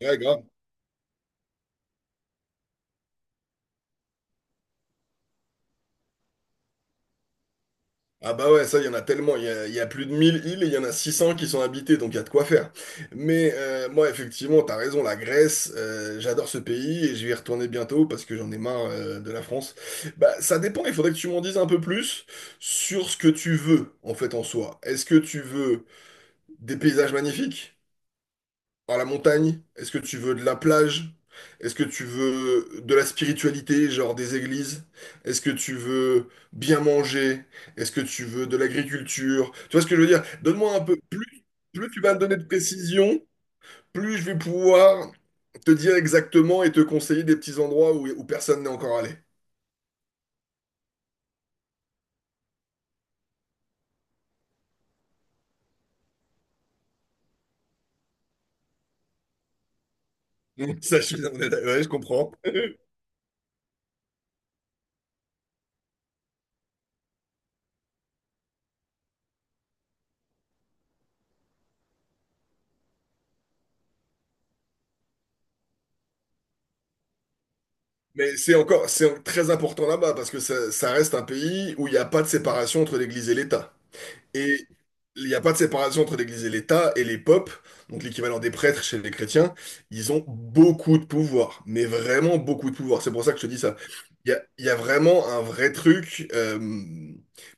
Ouais, grave. Ah bah ouais, ça, il y en a tellement. Il y a plus de 1000 îles et il y en a 600 qui sont habitées, donc il y a de quoi faire. Mais moi, effectivement, t'as raison, la Grèce, j'adore ce pays et je vais y retourner bientôt parce que j'en ai marre de la France. Bah, ça dépend, il faudrait que tu m'en dises un peu plus sur ce que tu veux, en fait, en soi. Est-ce que tu veux des paysages magnifiques? À la montagne? Est-ce que tu veux de la plage? Est-ce que tu veux de la spiritualité, genre des églises? Est-ce que tu veux bien manger? Est-ce que tu veux de l'agriculture? Tu vois ce que je veux dire? Donne-moi un peu. Plus, plus tu vas me donner de précision, plus je vais pouvoir te dire exactement et te conseiller des petits endroits où personne n'est encore allé. Ça, ouais, je comprends. Mais c'est encore, c'est très important là-bas parce que ça reste un pays où il n'y a pas de séparation entre l'Église et l'État. Et il n'y a pas de séparation entre l'Église et l'État, et les popes, donc l'équivalent des prêtres chez les chrétiens, ils ont beaucoup de pouvoir, mais vraiment beaucoup de pouvoir. C'est pour ça que je te dis ça. Il y a vraiment un vrai truc.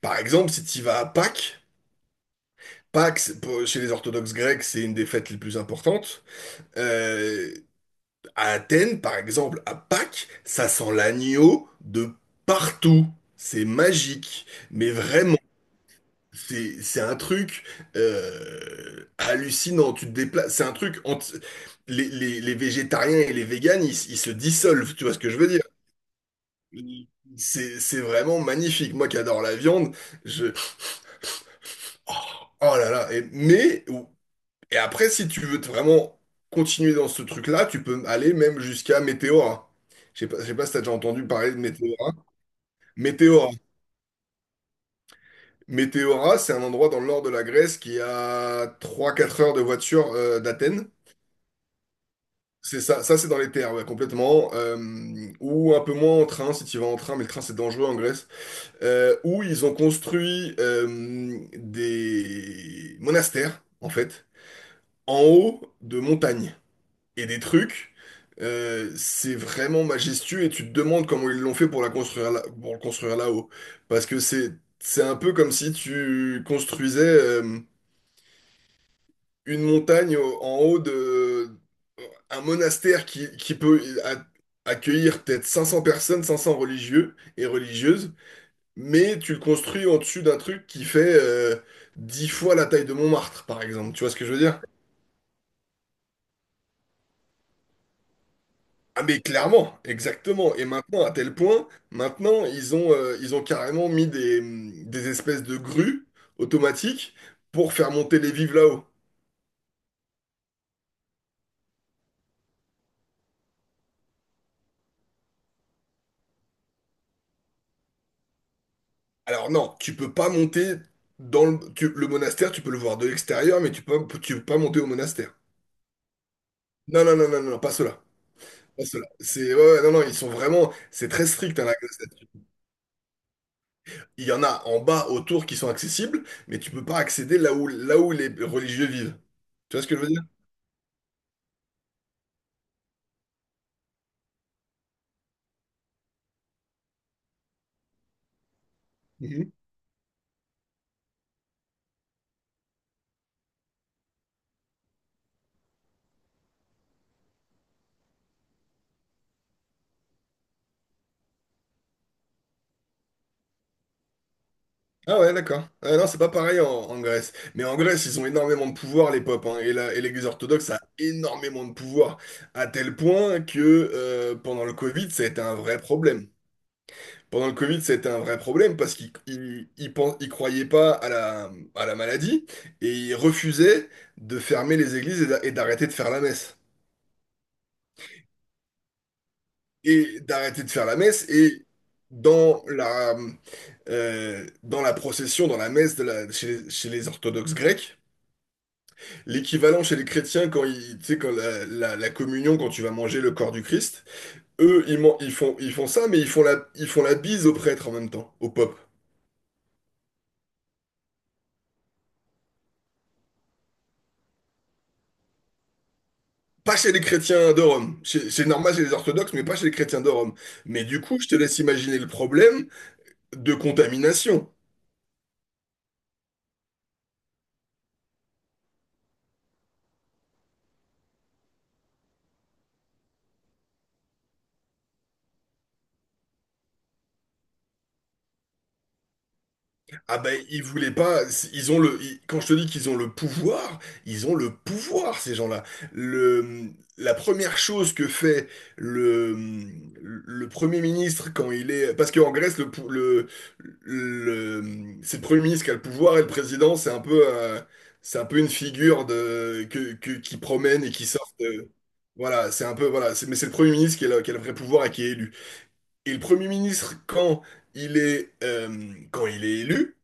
Par exemple, si tu vas à Pâques, chez les orthodoxes grecs, c'est une des fêtes les plus importantes. Euh, à Athènes, par exemple, à Pâques, ça sent l'agneau de partout. C'est magique, mais vraiment. C'est un truc hallucinant. Tu te déplaces. C'est un truc entre les végétariens et les véganes, ils se dissolvent. Tu vois ce que je veux dire? C'est vraiment magnifique. Moi qui adore la viande, je oh, oh là là. Et, mais et après, si tu veux te vraiment continuer dans ce truc-là, tu peux aller même jusqu'à Météora. Je sais pas si t'as déjà entendu parler de Météora. Météora. Météora, c'est un endroit dans le nord de la Grèce qui est à 3-4 heures de voiture d'Athènes. C'est ça, ça c'est dans les terres, ouais, complètement. Ou un peu moins en train, si tu vas en train, mais le train c'est dangereux en Grèce. Où ils ont construit des monastères, en fait, en haut de montagnes. Et des trucs, c'est vraiment majestueux et tu te demandes comment ils l'ont fait pour la construire là, pour le construire là-haut. Parce que c'est un peu comme si tu construisais une montagne en haut de un monastère qui peut accueillir peut-être 500 personnes, 500 religieux et religieuses, mais tu le construis au-dessus d'un truc qui fait 10 fois la taille de Montmartre, par exemple. Tu vois ce que je veux dire? Ah mais clairement, exactement. Et maintenant, à tel point, maintenant, ils ont carrément mis des espèces de grues automatiques pour faire monter les vives là-haut. Alors non, tu peux pas monter dans le monastère, tu peux le voir de l'extérieur, mais tu peux pas monter au monastère. Non, non, non, non, non, non, pas cela. Pas ceux-là. C'est, ouais, ouais, non, non, ils sont vraiment, c'est très strict, hein, la Grèce, là-dessus. Il y en a en bas, autour, qui sont accessibles, mais tu peux pas accéder là où les religieux vivent. Tu vois ce que je veux dire? Mhm. Ah ouais, d'accord. Ah non, c'est pas pareil en, en Grèce. Mais en Grèce, ils ont énormément de pouvoir, les popes, hein, et et l'Église orthodoxe a énormément de pouvoir, à tel point que pendant le Covid, ça a été un vrai problème. Pendant le Covid, c'était un vrai problème parce qu'ils croyaient pas à à la maladie et ils refusaient de fermer les églises et et d'arrêter de faire la messe. Et d'arrêter de faire la messe et dans la, dans la procession, dans la messe de la, chez les orthodoxes grecs, l'équivalent chez les chrétiens quand ils, tu sais, quand la communion, quand tu vas manger le corps du Christ, eux, ils font ça, mais ils font la bise au prêtre en même temps, au pope. Pas chez les chrétiens de Rome. C'est normal chez les orthodoxes, mais pas chez les chrétiens de Rome. Mais du coup, je te laisse imaginer le problème de contamination. Ah ben, ils voulaient pas. Ils ont le. Ils- Quand je te dis qu'ils ont le pouvoir, ils ont le pouvoir, ces gens-là. Le, la première chose que fait le, le Premier ministre quand il est. Parce qu'en Grèce, le, pou- le- c'est le Premier ministre qui a le pouvoir et le président, c'est un peu une figure de, qui promène et qui sort de. Voilà, c'est un peu. Voilà, c'est, mais c'est le Premier ministre qui a, qui a le vrai pouvoir et qui est élu. Et le Premier ministre, quand il est élu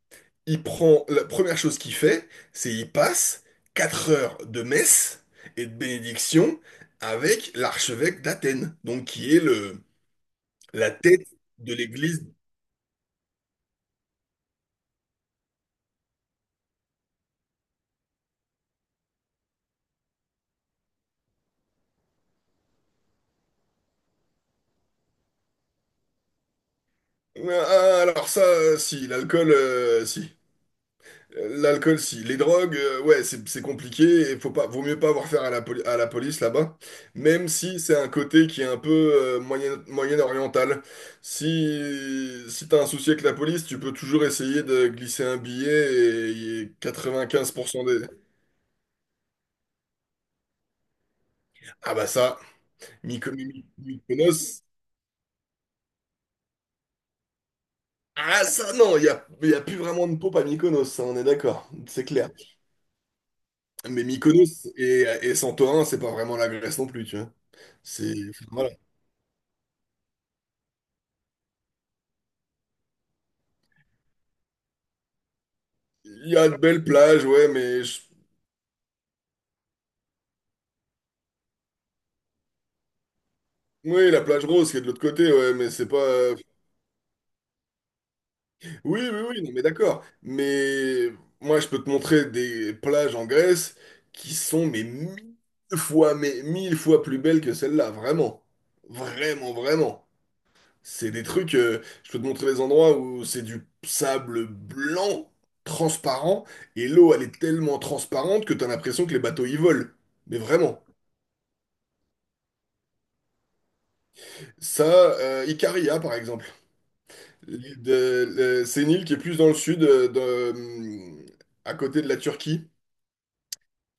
il prend, la première chose qu'il fait, c'est il passe 4 heures de messe et de bénédiction avec l'archevêque d'Athènes, donc qui est le, la tête de l'église. Ah, alors ça, si, l'alcool, si. L'alcool, si. Les drogues, ouais, c'est compliqué et faut pas, vaut mieux pas avoir affaire à à la police là-bas. Même si c'est un côté qui est un peu moyen-oriental. Si, si t'as un souci avec la police, tu peux toujours essayer de glisser un billet et, 95% des... Ah bah ça, Mykonos... Ah ça, non, y a plus vraiment de pop à Mykonos, ça, on est d'accord, c'est clair. Mais Mykonos et Santorin, c'est pas vraiment la Grèce non plus, tu vois. C'est... voilà. Il y a de belles plages, ouais, mais je- oui, la plage rose qui est de l'autre côté, ouais, mais c'est pas. Oui, oui, oui, non, mais d'accord. Mais moi, je peux te montrer des plages en Grèce qui sont mais mille fois plus belles que celle-là, vraiment, vraiment, vraiment. C'est des trucs. Je peux te montrer des endroits où c'est du sable blanc, transparent, et l'eau, elle est tellement transparente que t'as l'impression que les bateaux y volent. Mais vraiment. Ça, Icaria, par exemple. C'est une île qui est plus dans le sud, à côté de la Turquie,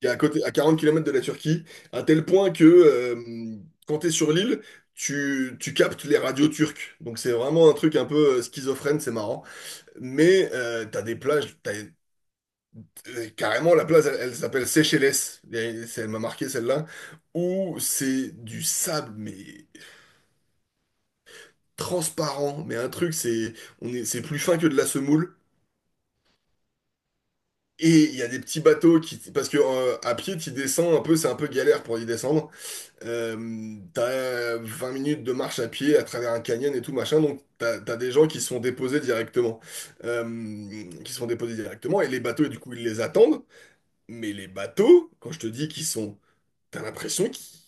qui est à côté, à 40 kilomètres de la Turquie, à tel point que quand tu es sur l'île, tu captes les radios turques. Donc c'est vraiment un truc un peu schizophrène, c'est marrant. Mais t'as des plages, t'as- carrément la plage, elle s'appelle Seychelles, et c'est- elle m'a marqué celle-là, où c'est du sable, mais transparent, mais un truc, c'est on est, c'est plus fin que de la semoule. Et il y a des petits bateaux qui... Parce que à pied, tu descends un peu, c'est un peu galère pour y descendre. T'as 20 minutes de marche à pied à travers un canyon et tout, machin. Donc, t'as des gens qui sont déposés directement. Et les bateaux, du coup, ils les attendent. Mais les bateaux, quand je te dis qu'ils sont... T'as l'impression qu'ils...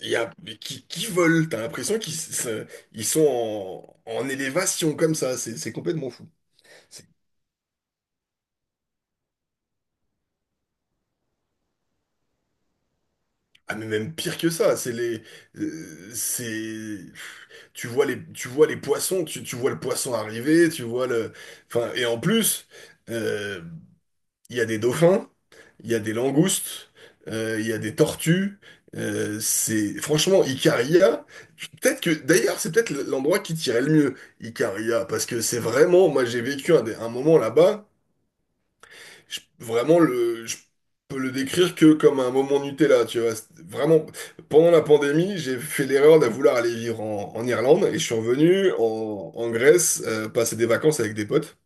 il y a- qui volent. T'as l'impression qu'ils se- ils sont en, en élévation comme ça. C'est complètement fou. Ah mais même pire que ça, c'est les, c'est, tu vois les poissons, tu vois le poisson arriver, tu vois le, enfin et en plus, euh, il y a des dauphins, il y a des langoustes, il y a des tortues, c'est franchement Icaria, peut-être que d'ailleurs c'est peut-être l'endroit qui tirait le mieux Icaria parce que c'est vraiment, moi j'ai vécu un, des- un moment là-bas je- vraiment, le, je peux le décrire que comme un moment Nutella, tu vois. C'était vraiment, pendant la pandémie, j'ai fait l'erreur de vouloir aller vivre en, en Irlande et je suis revenu en, en Grèce, passer des vacances avec des potes.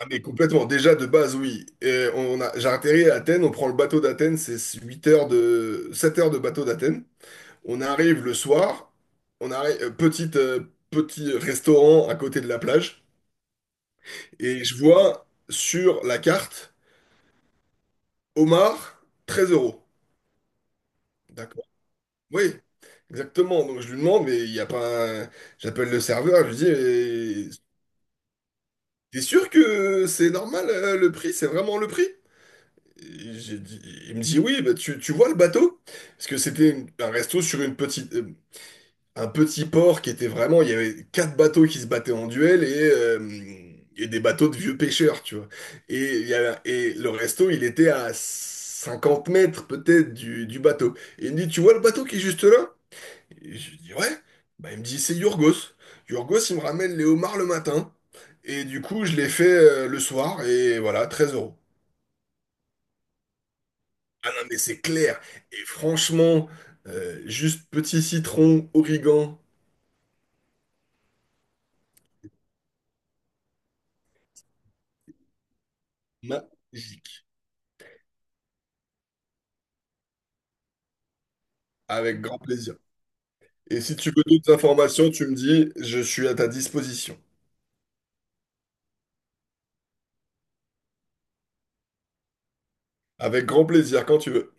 Ah, mais complètement, déjà de base, oui. Et on a, j'ai atterri à Athènes, on prend le bateau d'Athènes, c'est 8 heures de, 7 heures de bateau d'Athènes. On arrive le soir, on arrive, petit restaurant à côté de la plage, et je vois sur la carte, homard, 13 euros. D'accord. Oui, exactement. Donc je lui demande, mais il n'y a pas un- j'appelle le serveur, je lui dis, mais t'es sûr que c'est normal le prix? C'est vraiment le prix? Et j'ai dit- Il me dit, oui, bah, tu vois le bateau? Parce que c'était un resto sur une petite, un petit port qui était vraiment... Il y avait 4 bateaux qui se battaient en duel et des bateaux de vieux pêcheurs, tu vois. Et, il y avait- et le resto, il était à 50 mètres peut-être du bateau. Et il me dit, tu vois le bateau qui est juste là? Et je lui dis, ouais. Bah, il me dit, c'est Yorgos. Yorgos, il me ramène les homards le matin. Et du coup, je les fais le soir. Et voilà, 13 euros. Ah non, mais c'est clair. Et franchement, juste petit citron, origan, magique. Avec grand plaisir. Et si tu veux d'autres informations, tu me dis, je suis à ta disposition. Avec grand plaisir, quand tu veux.